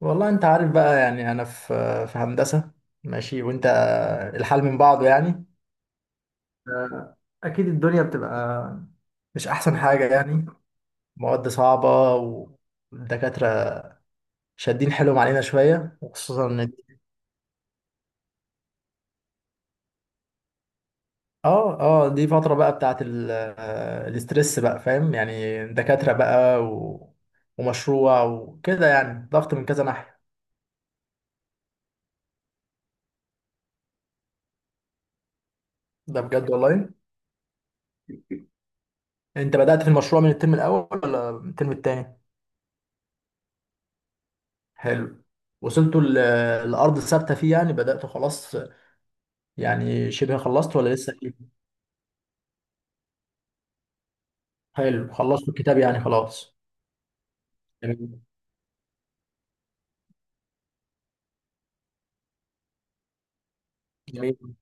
والله انت عارف بقى، يعني انا في هندسة، ماشي. وانت الحال من بعضه يعني. آه، اكيد الدنيا بتبقى مش احسن حاجة يعني، مواد صعبة والدكاترة شادين حيلهم علينا شوية، وخصوصا ان اه اه، دي فترة بقى بتاعت الاسترس بقى، فاهم يعني، دكاترة بقى ومشروع وكده، يعني ضغط من كذا ناحية. ده بجد والله؟ انت بدأت في المشروع من الترم الاول ولا من الترم التاني؟ حلو. وصلتوا لأرض ثابتة فيه يعني، بدأتوا خلاص يعني، شبه خلصت ولا لسه فيه؟ حلو، خلصتوا الكتاب يعني خلاص. جميل. جميل.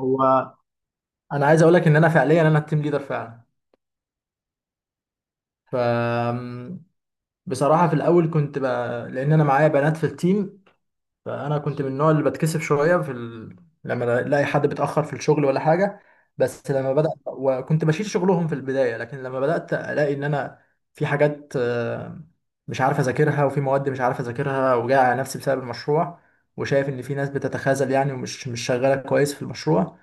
هو أنا عايز أقول لك إن أنا فعليا أنا التيم ليدر فعلا. ف بصراحة في الأول كنت لأن أنا معايا بنات في التيم، فانا كنت من النوع اللي بتكسف شويه لما الاقي حد بيتاخر في الشغل ولا حاجه. بس لما بدات وكنت بشيل شغلهم في البدايه، لكن لما بدات الاقي ان انا في حاجات مش عارف اذاكرها، وفي مواد مش عارف اذاكرها، وجاي على نفسي بسبب المشروع، وشايف ان في ناس بتتخاذل يعني، ومش مش شغاله كويس في المشروع.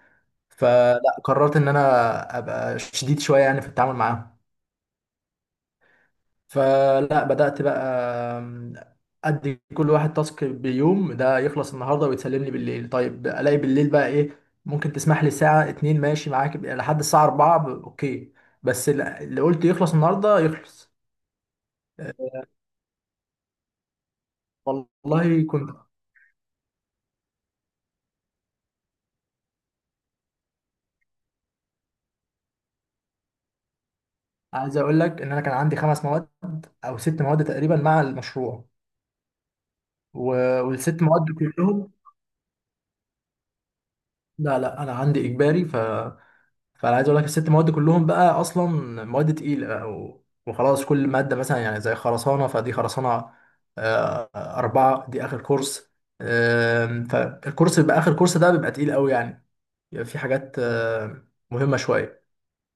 فلا قررت ان انا ابقى شديد شويه يعني في التعامل معاهم. فلا بدأت بقى آم، أدي كل واحد تاسك بيوم، ده يخلص النهاردة ويتسلم لي بالليل. طيب، ألاقي بالليل بقى إيه؟ ممكن تسمح لي ساعة 2 ماشي معاك لحد الساعة 4 أوكي، بس اللي قلت يخلص النهاردة يخلص. آه، والله كنت عايز أقول لك إن أنا كان عندي 5 مواد أو 6 مواد تقريبا مع المشروع. والست مواد كلهم، لا لا، أنا عندي إجباري. فانا عايز اقول لك ال6 مواد كلهم بقى اصلا مواد تقيله بقى، وخلاص كل ماده مثلا يعني زي خرسانه، فدي خرسانه 4، دي آخر كورس. فالكورس بيبقى، آخر كورس ده بيبقى تقيل قوي يعني. بيبقى في حاجات مهمة شوية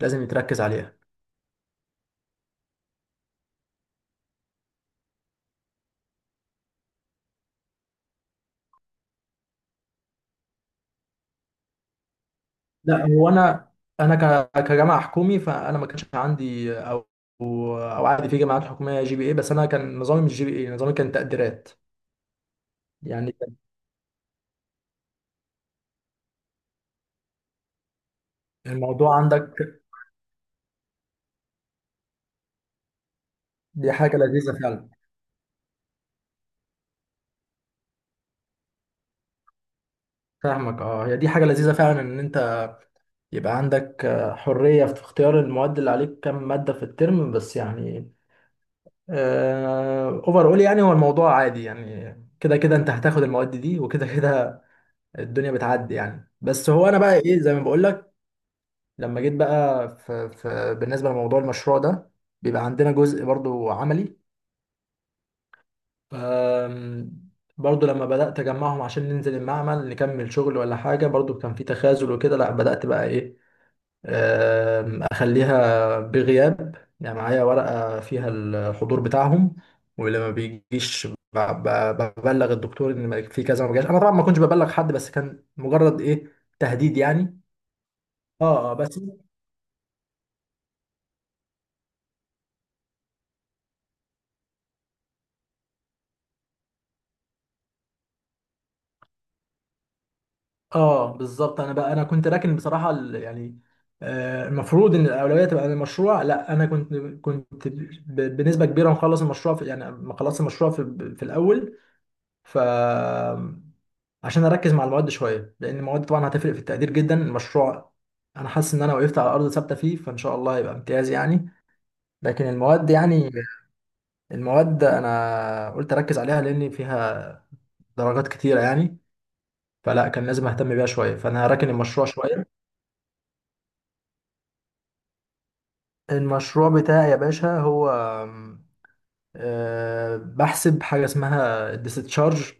لازم يتركز عليها. لا هو أنا أنا كجامعة حكومي، فأنا ما كانش عندي أو عادي في جامعات حكومية GPA. بس أنا كان نظامي مش GPA، نظامي كان تقديرات يعني. الموضوع عندك دي حاجة لذيذة فعلا. فاهمك، اه، هي دي حاجة لذيذة فعلا، ان انت يبقى عندك حرية في اختيار المواد اللي عليك، كم مادة في الترم بس يعني، اوفر اول. يعني هو الموضوع عادي يعني، كده كده انت هتاخد المواد دي، وكده كده الدنيا بتعدي يعني. بس هو انا بقى ايه، زي ما بقول لك، لما جيت بقى في بالنسبة لموضوع المشروع ده، بيبقى عندنا جزء برضو عملي. آم، برضو لما بدأت أجمعهم عشان ننزل المعمل نكمل شغل ولا حاجة، برضو كان في تخاذل وكده. لا بدأت بقى إيه، اخليها بغياب يعني، معايا ورقة فيها الحضور بتاعهم، ولما بيجيش ببلغ الدكتور ان في كذا ما جاش. انا طبعا ما كنتش ببلغ حد، بس كان مجرد ايه، تهديد يعني. اه اه بس. اه بالظبط، انا بقى انا كنت راكن بصراحة يعني المفروض ان الاولويه تبقى للمشروع، لا انا كنت بنسبه كبيره مخلص المشروع في، يعني مخلص المشروع في الاول، ف عشان اركز مع المواد شويه، لان المواد طبعا هتفرق في التقدير جدا. المشروع انا حاسس ان انا وقفت على ارض ثابته فيه، فان شاء الله هيبقى امتياز يعني. لكن المواد يعني، المواد انا قلت اركز عليها، لان فيها درجات كتيره يعني، فلا كان لازم اهتم بيها شويه، فانا هراكن المشروع شويه. المشروع بتاعي يا باشا هو آم، آه، بحسب حاجه اسمها الديستشارج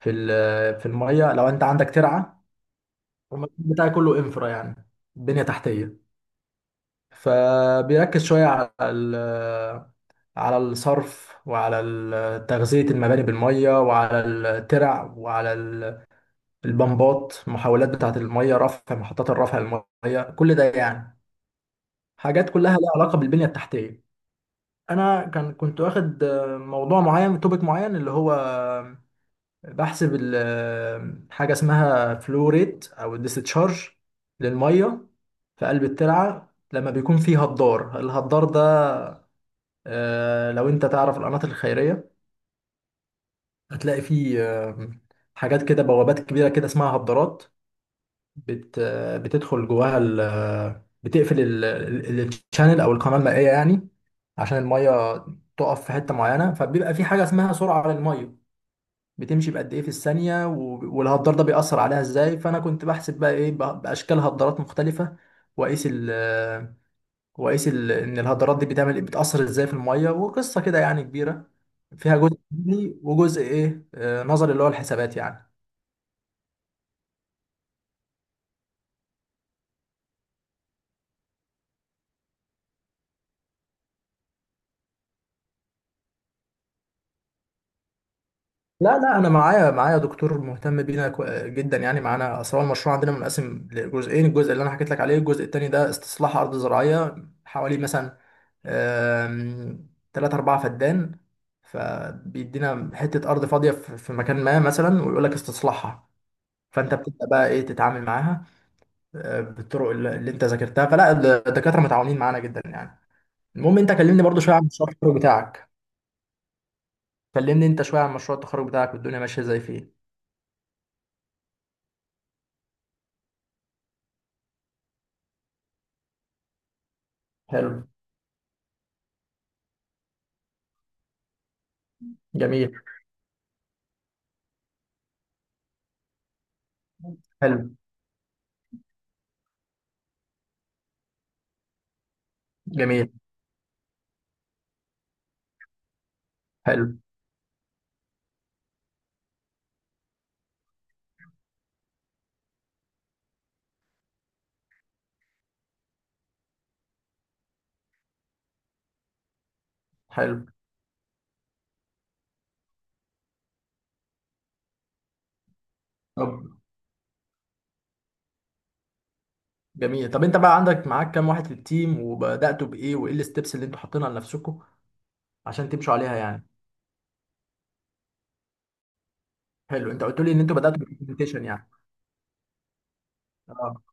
في الميه. لو انت عندك ترعه، المشروع بتاعي كله انفرا يعني، بنيه تحتيه، فبيركز شوية على الصرف، وعلى تغذية المباني بالمية، وعلى الترع، وعلى البمبات، محاولات بتاعة المية، رفع، محطات الرفع المية، كل ده يعني حاجات كلها لها علاقة بالبنية التحتية. أنا كان كنت واخد موضوع معين، توبيك معين، اللي هو بحسب حاجة اسمها فلو ريت أو الديستشارج للمية في قلب الترعة، لما بيكون فيه هدار. الهدار ده لو انت تعرف القناة الخيرية، هتلاقي في آه، حاجات كده، بوابات كبيرة كده اسمها هبارات، بت آه، بتدخل جواها بتقفل الشانل او القناة المائية يعني، عشان المية تقف في حتة معينة. فبيبقى في حاجة اسمها سرعة على المية، بتمشي بقد ايه في الثانية. والهدار ده بيأثر عليها ازاي؟ فانا كنت بحسب بقى ايه، بأشكال هدارات مختلفة، واقيس وقيس ان الهدرات دي بتعمل، بتأثر ازاي في المية. وقصة كده يعني كبيرة، فيها جزء علمي وجزء ايه نظري، اللي هو الحسابات يعني. لا لا، انا معايا دكتور مهتم بينا جدا يعني معانا، اصل هو المشروع عندنا منقسم لجزئين. الجزء اللي انا حكيت لك عليه، الجزء التاني ده استصلاح ارض زراعية حوالي مثلا، 3 4 فدان، فبيدينا حتة أرض فاضية في مكان ما مثلا، ويقول لك استصلاحها. فأنت بتبدأ بقى إيه، تتعامل معاها بالطرق اللي انت ذاكرتها. فلا الدكاتره متعاونين معانا جدا يعني. المهم انت كلمني برضو شويه عن مشروع التخرج بتاعك. كلمني انت شويه عن مشروع التخرج بتاعك، والدنيا ماشيه ازاي فيه. حلو. جميل. حلو. جميل. حلو. حلو. طب. جميل. طب انت بقى عندك معاك كام واحد في التيم، وبداتوا بايه، وايه الستبس اللي انتوا حاطينها لنفسكم عشان تمشوا عليها يعني. حلو، انت قلت لي ان انتوا بداتوا بالبرزنتيشن يعني. اه.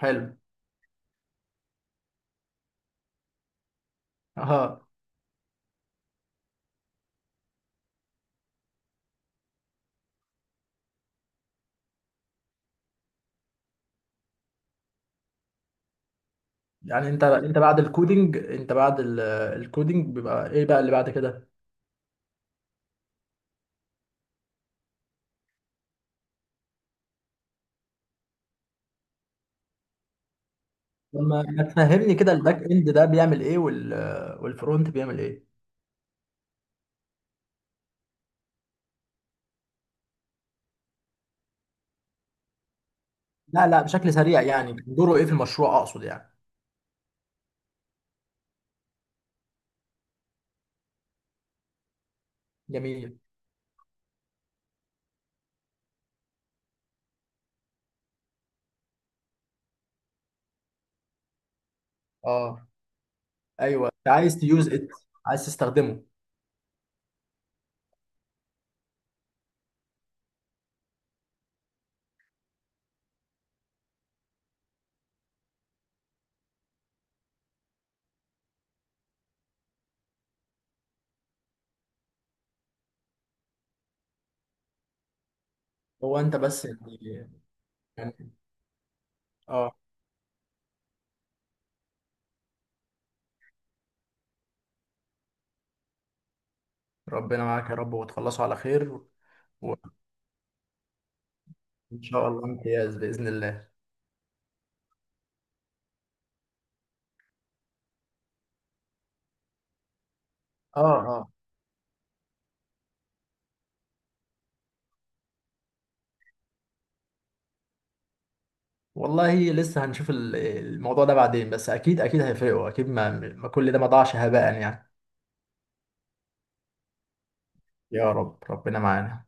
حلو. اه يعني، انت بعد الكودينج، انت بعد الكودينج بيبقى ايه بقى اللي بعد كده؟ لما ما تفهمني كده الباك اند ده بيعمل ايه، والفرونت بيعمل ايه؟ لا لا، بشكل سريع يعني، دوره ايه في المشروع اقصد يعني. جميل. اه. ايوه انت عايز تيوز ات، عايز تستخدمه. هو انت بس يعني، يعني- اه ربنا معاك يا رب، وتخلصوا على خير. وان شاء الله امتياز باذن الله. اه اه. والله لسه هنشوف الموضوع ده بعدين، بس اكيد اكيد هيفرقوا اكيد، ما كل ده ما ضاعش هباء يعني. يا رب ربنا معانا.